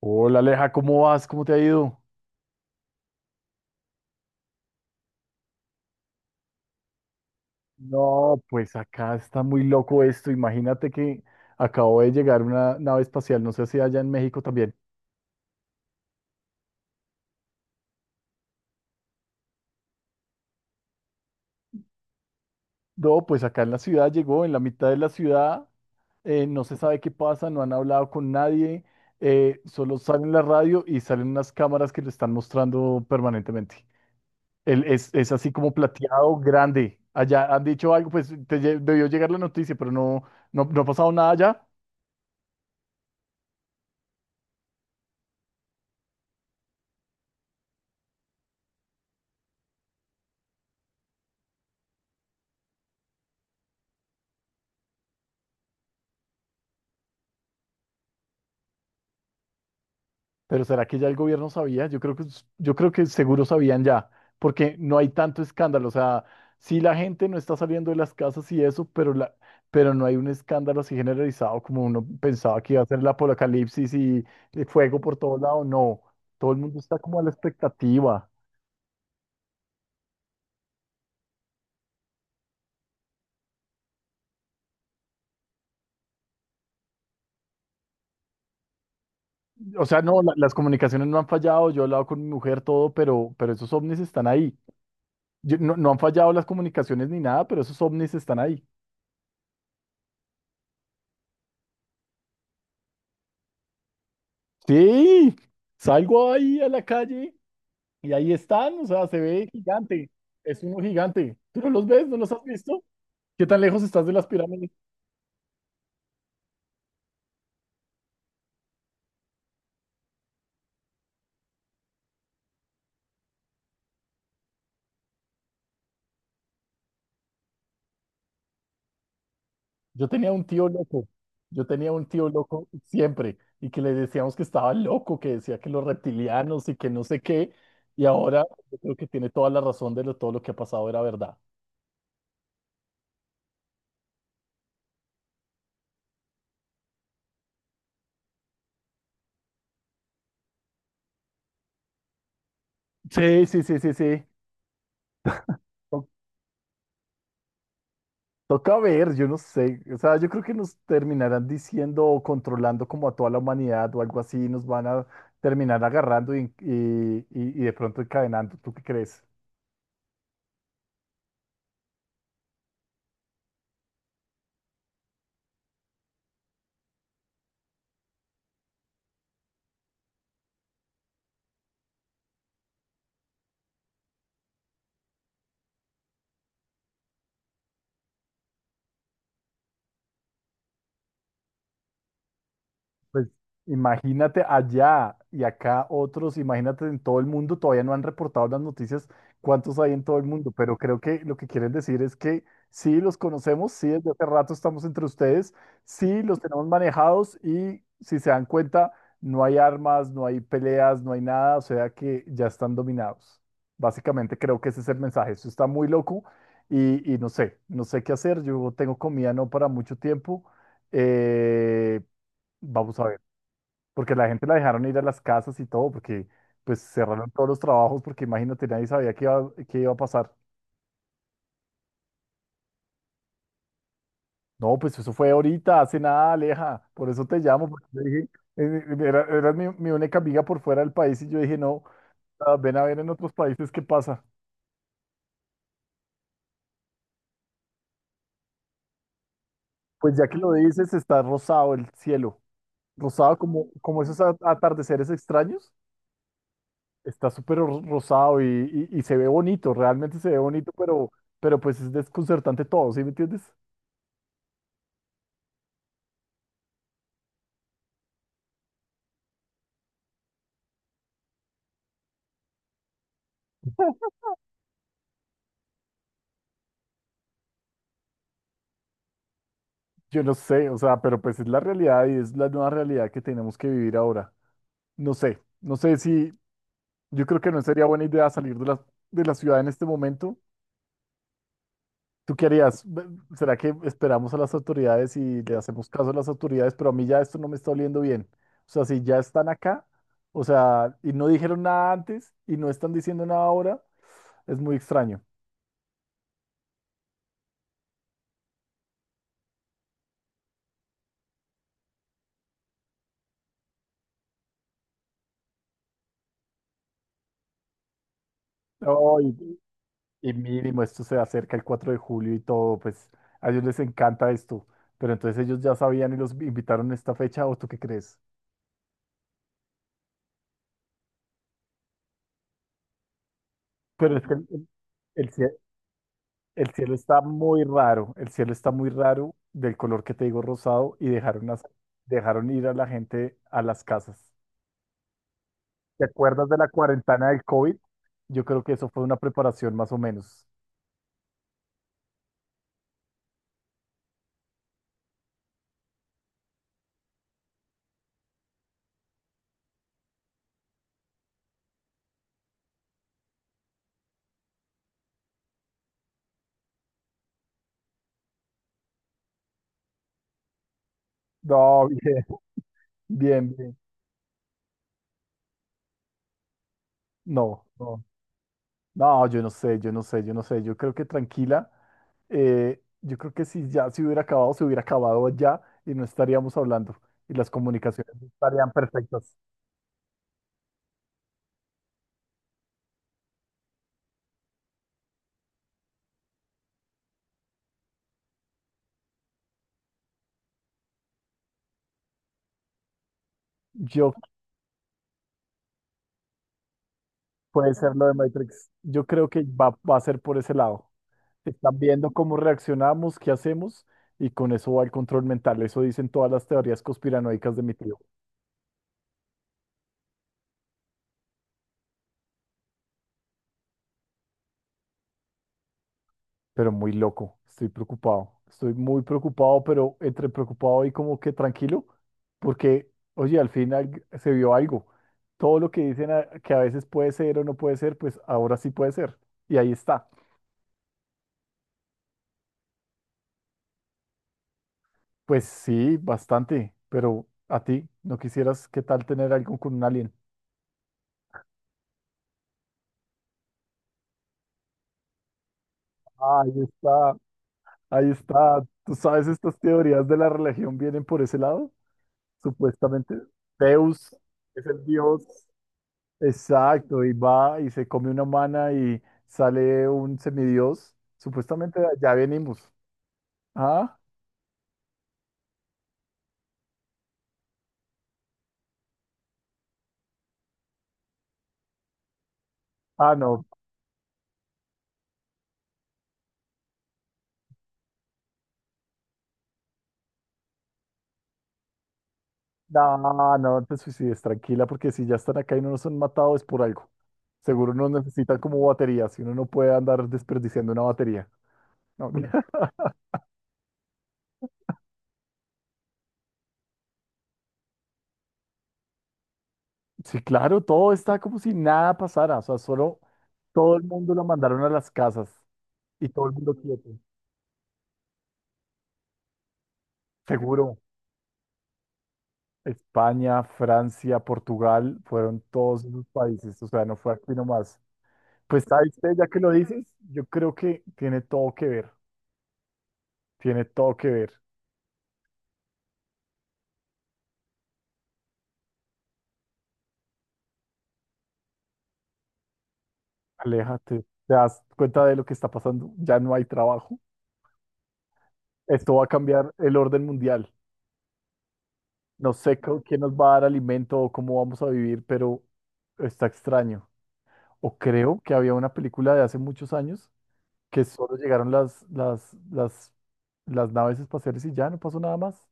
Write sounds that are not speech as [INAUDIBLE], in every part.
Hola Aleja, ¿cómo vas? ¿Cómo te ha ido? No, pues acá está muy loco esto. Imagínate que acabó de llegar una nave espacial, no sé si allá en México también. No, pues acá en la ciudad llegó, en la mitad de la ciudad, no se sabe qué pasa, no han hablado con nadie, solo salen la radio y salen unas cámaras que lo están mostrando permanentemente. Él es así como plateado, grande. Allá han dicho algo, pues debió llegar la noticia, pero no, no ha pasado nada allá. Pero ¿será que ya el gobierno sabía? Yo creo que seguro sabían ya, porque no hay tanto escándalo. O sea, sí la gente no está saliendo de las casas y eso, pero no hay un escándalo así generalizado como uno pensaba que iba a ser el apocalipsis y el fuego por todo lado. No, todo el mundo está como a la expectativa. O sea, no, las comunicaciones no han fallado. Yo he hablado con mi mujer, todo, pero esos ovnis están ahí. No, no han fallado las comunicaciones ni nada, pero esos ovnis están ahí. Sí, salgo ahí a la calle. Y ahí están, o sea, se ve gigante. Es uno gigante. ¿Tú no los ves? ¿No los has visto? ¿Qué tan lejos estás de las pirámides? Yo tenía un tío loco. Yo tenía un tío loco siempre y que le decíamos que estaba loco, que decía que los reptilianos y que no sé qué. Y ahora yo creo que tiene toda la razón todo lo que ha pasado era verdad. Sí, sí, sí, sí, sí. Toca ver, yo no sé, o sea, yo creo que nos terminarán diciendo o controlando como a toda la humanidad o algo así, nos van a terminar agarrando y de pronto encadenando. ¿Tú qué crees? Pues imagínate allá y acá otros, imagínate en todo el mundo, todavía no han reportado las noticias cuántos hay en todo el mundo, pero creo que lo que quieren decir es que sí los conocemos, sí desde hace rato estamos entre ustedes, sí los tenemos manejados y si se dan cuenta, no hay armas, no hay peleas, no hay nada, o sea que ya están dominados. Básicamente creo que ese es el mensaje, eso está muy loco y, no sé, no sé qué hacer, yo tengo comida no para mucho tiempo. Eh, Vamos a ver porque la gente la dejaron ir a las casas y todo, porque pues cerraron todos los trabajos, porque imagínate, nadie sabía qué iba a pasar. No, pues eso fue ahorita, hace nada, Aleja, por eso te llamo, porque yo dije, era mi, mi única amiga por fuera del país y yo dije, no, ah, ven a ver en otros países qué pasa. Pues ya que lo dices, está rosado el cielo, rosado como, como esos atardeceres extraños, está súper rosado y, y se ve bonito, realmente se ve bonito, pero pues es desconcertante todo, ¿sí me entiendes? Yo no sé, o sea, pero pues es la realidad y es la nueva realidad que tenemos que vivir ahora. No sé, yo creo que no sería buena idea salir de la ciudad en este momento. ¿Tú qué harías? ¿Será que esperamos a las autoridades y le hacemos caso a las autoridades? Pero a mí ya esto no me está oliendo bien. O sea, si ya están acá, o sea, y no dijeron nada antes y no están diciendo nada ahora, es muy extraño. Ay, y mínimo, esto se acerca el 4 de julio y todo, pues a ellos les encanta esto. Pero entonces ellos ya sabían y los invitaron a esta fecha, ¿o tú qué crees? Pero es que el cie- el cielo está muy raro, el cielo está muy raro del color que te digo rosado y dejaron, las dejaron ir a la gente a las casas. ¿Te acuerdas de la cuarentena del COVID? Yo creo que eso fue una preparación más o menos. No, [LAUGHS] bien, bien, bien. No, no. No, yo no sé, yo no sé, yo no sé. Yo creo que tranquila. Yo creo que si ya se hubiera acabado ya y no estaríamos hablando y las comunicaciones no estarían perfectas. Yo puede ser lo de Matrix. Yo creo que va a ser por ese lado. Están viendo cómo reaccionamos, qué hacemos y con eso va el control mental. Eso dicen todas las teorías conspiranoicas de mi tío. Pero muy loco. Estoy preocupado. Estoy muy preocupado, pero entre preocupado y como que tranquilo, porque, oye, al final se vio algo. Todo lo que dicen que a veces puede ser o no puede ser, pues ahora sí puede ser. Y ahí está. Pues sí, bastante, pero a ti, ¿no quisieras qué tal tener algo con un alien? Ah, ahí está, ahí está. ¿Tú sabes estas teorías de la religión vienen por ese lado? Supuestamente, Zeus es el dios. Exacto, y va y se come una humana y sale un semidios. Supuestamente de allá venimos. Ah, ah, no, no no te suicides, tranquila, porque si ya están acá y no nos han matado es por algo. Seguro nos necesitan como batería, si uno no puede andar desperdiciando una batería. No, mira. [LAUGHS] Sí, claro, todo está como si nada pasara, o sea, solo todo el mundo lo mandaron a las casas y todo el mundo quieto, seguro. España, Francia, Portugal, fueron todos esos países, o sea, no fue aquí nomás. Pues, ¿sabes qué? Ya que lo dices, yo creo que tiene todo que ver, tiene todo que ver. Aléjate, te das cuenta de lo que está pasando, ya no hay trabajo. Esto va a cambiar el orden mundial. No sé co- Quién nos va a dar alimento o cómo vamos a vivir, pero está extraño. O creo que había una película de hace muchos años que solo llegaron las naves espaciales y ya no pasó nada más.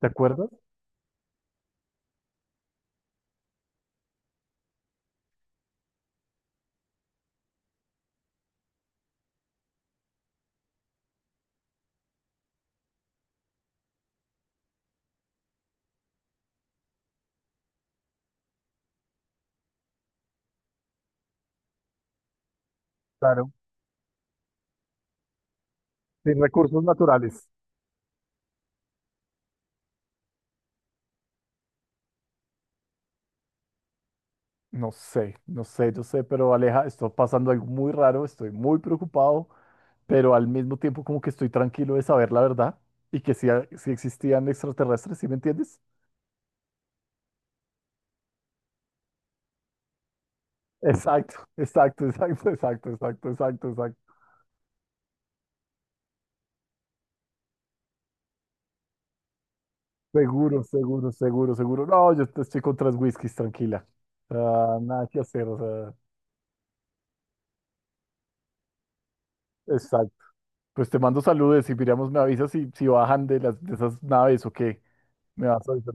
¿Te acuerdas? Claro. Sin recursos naturales. No sé, no sé, yo sé, pero Aleja, está pasando algo muy raro, estoy muy preocupado, pero al mismo tiempo como que estoy tranquilo de saber la verdad y que sí, sí existían extraterrestres, ¿sí me entiendes? Exacto, [LAUGHS] exacto, exacto, exacto, exacto, exacto, exacto. Seguro, seguro, seguro, seguro. No, yo te estoy con 3 whiskies, tranquila. Ah, nada que hacer, o sea, exacto. Pues te mando saludos y miramos, me avisas si, si bajan de las de esas naves o qué. Me vas a avisar.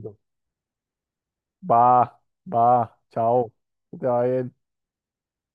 Va, va, chao. Que te va bien.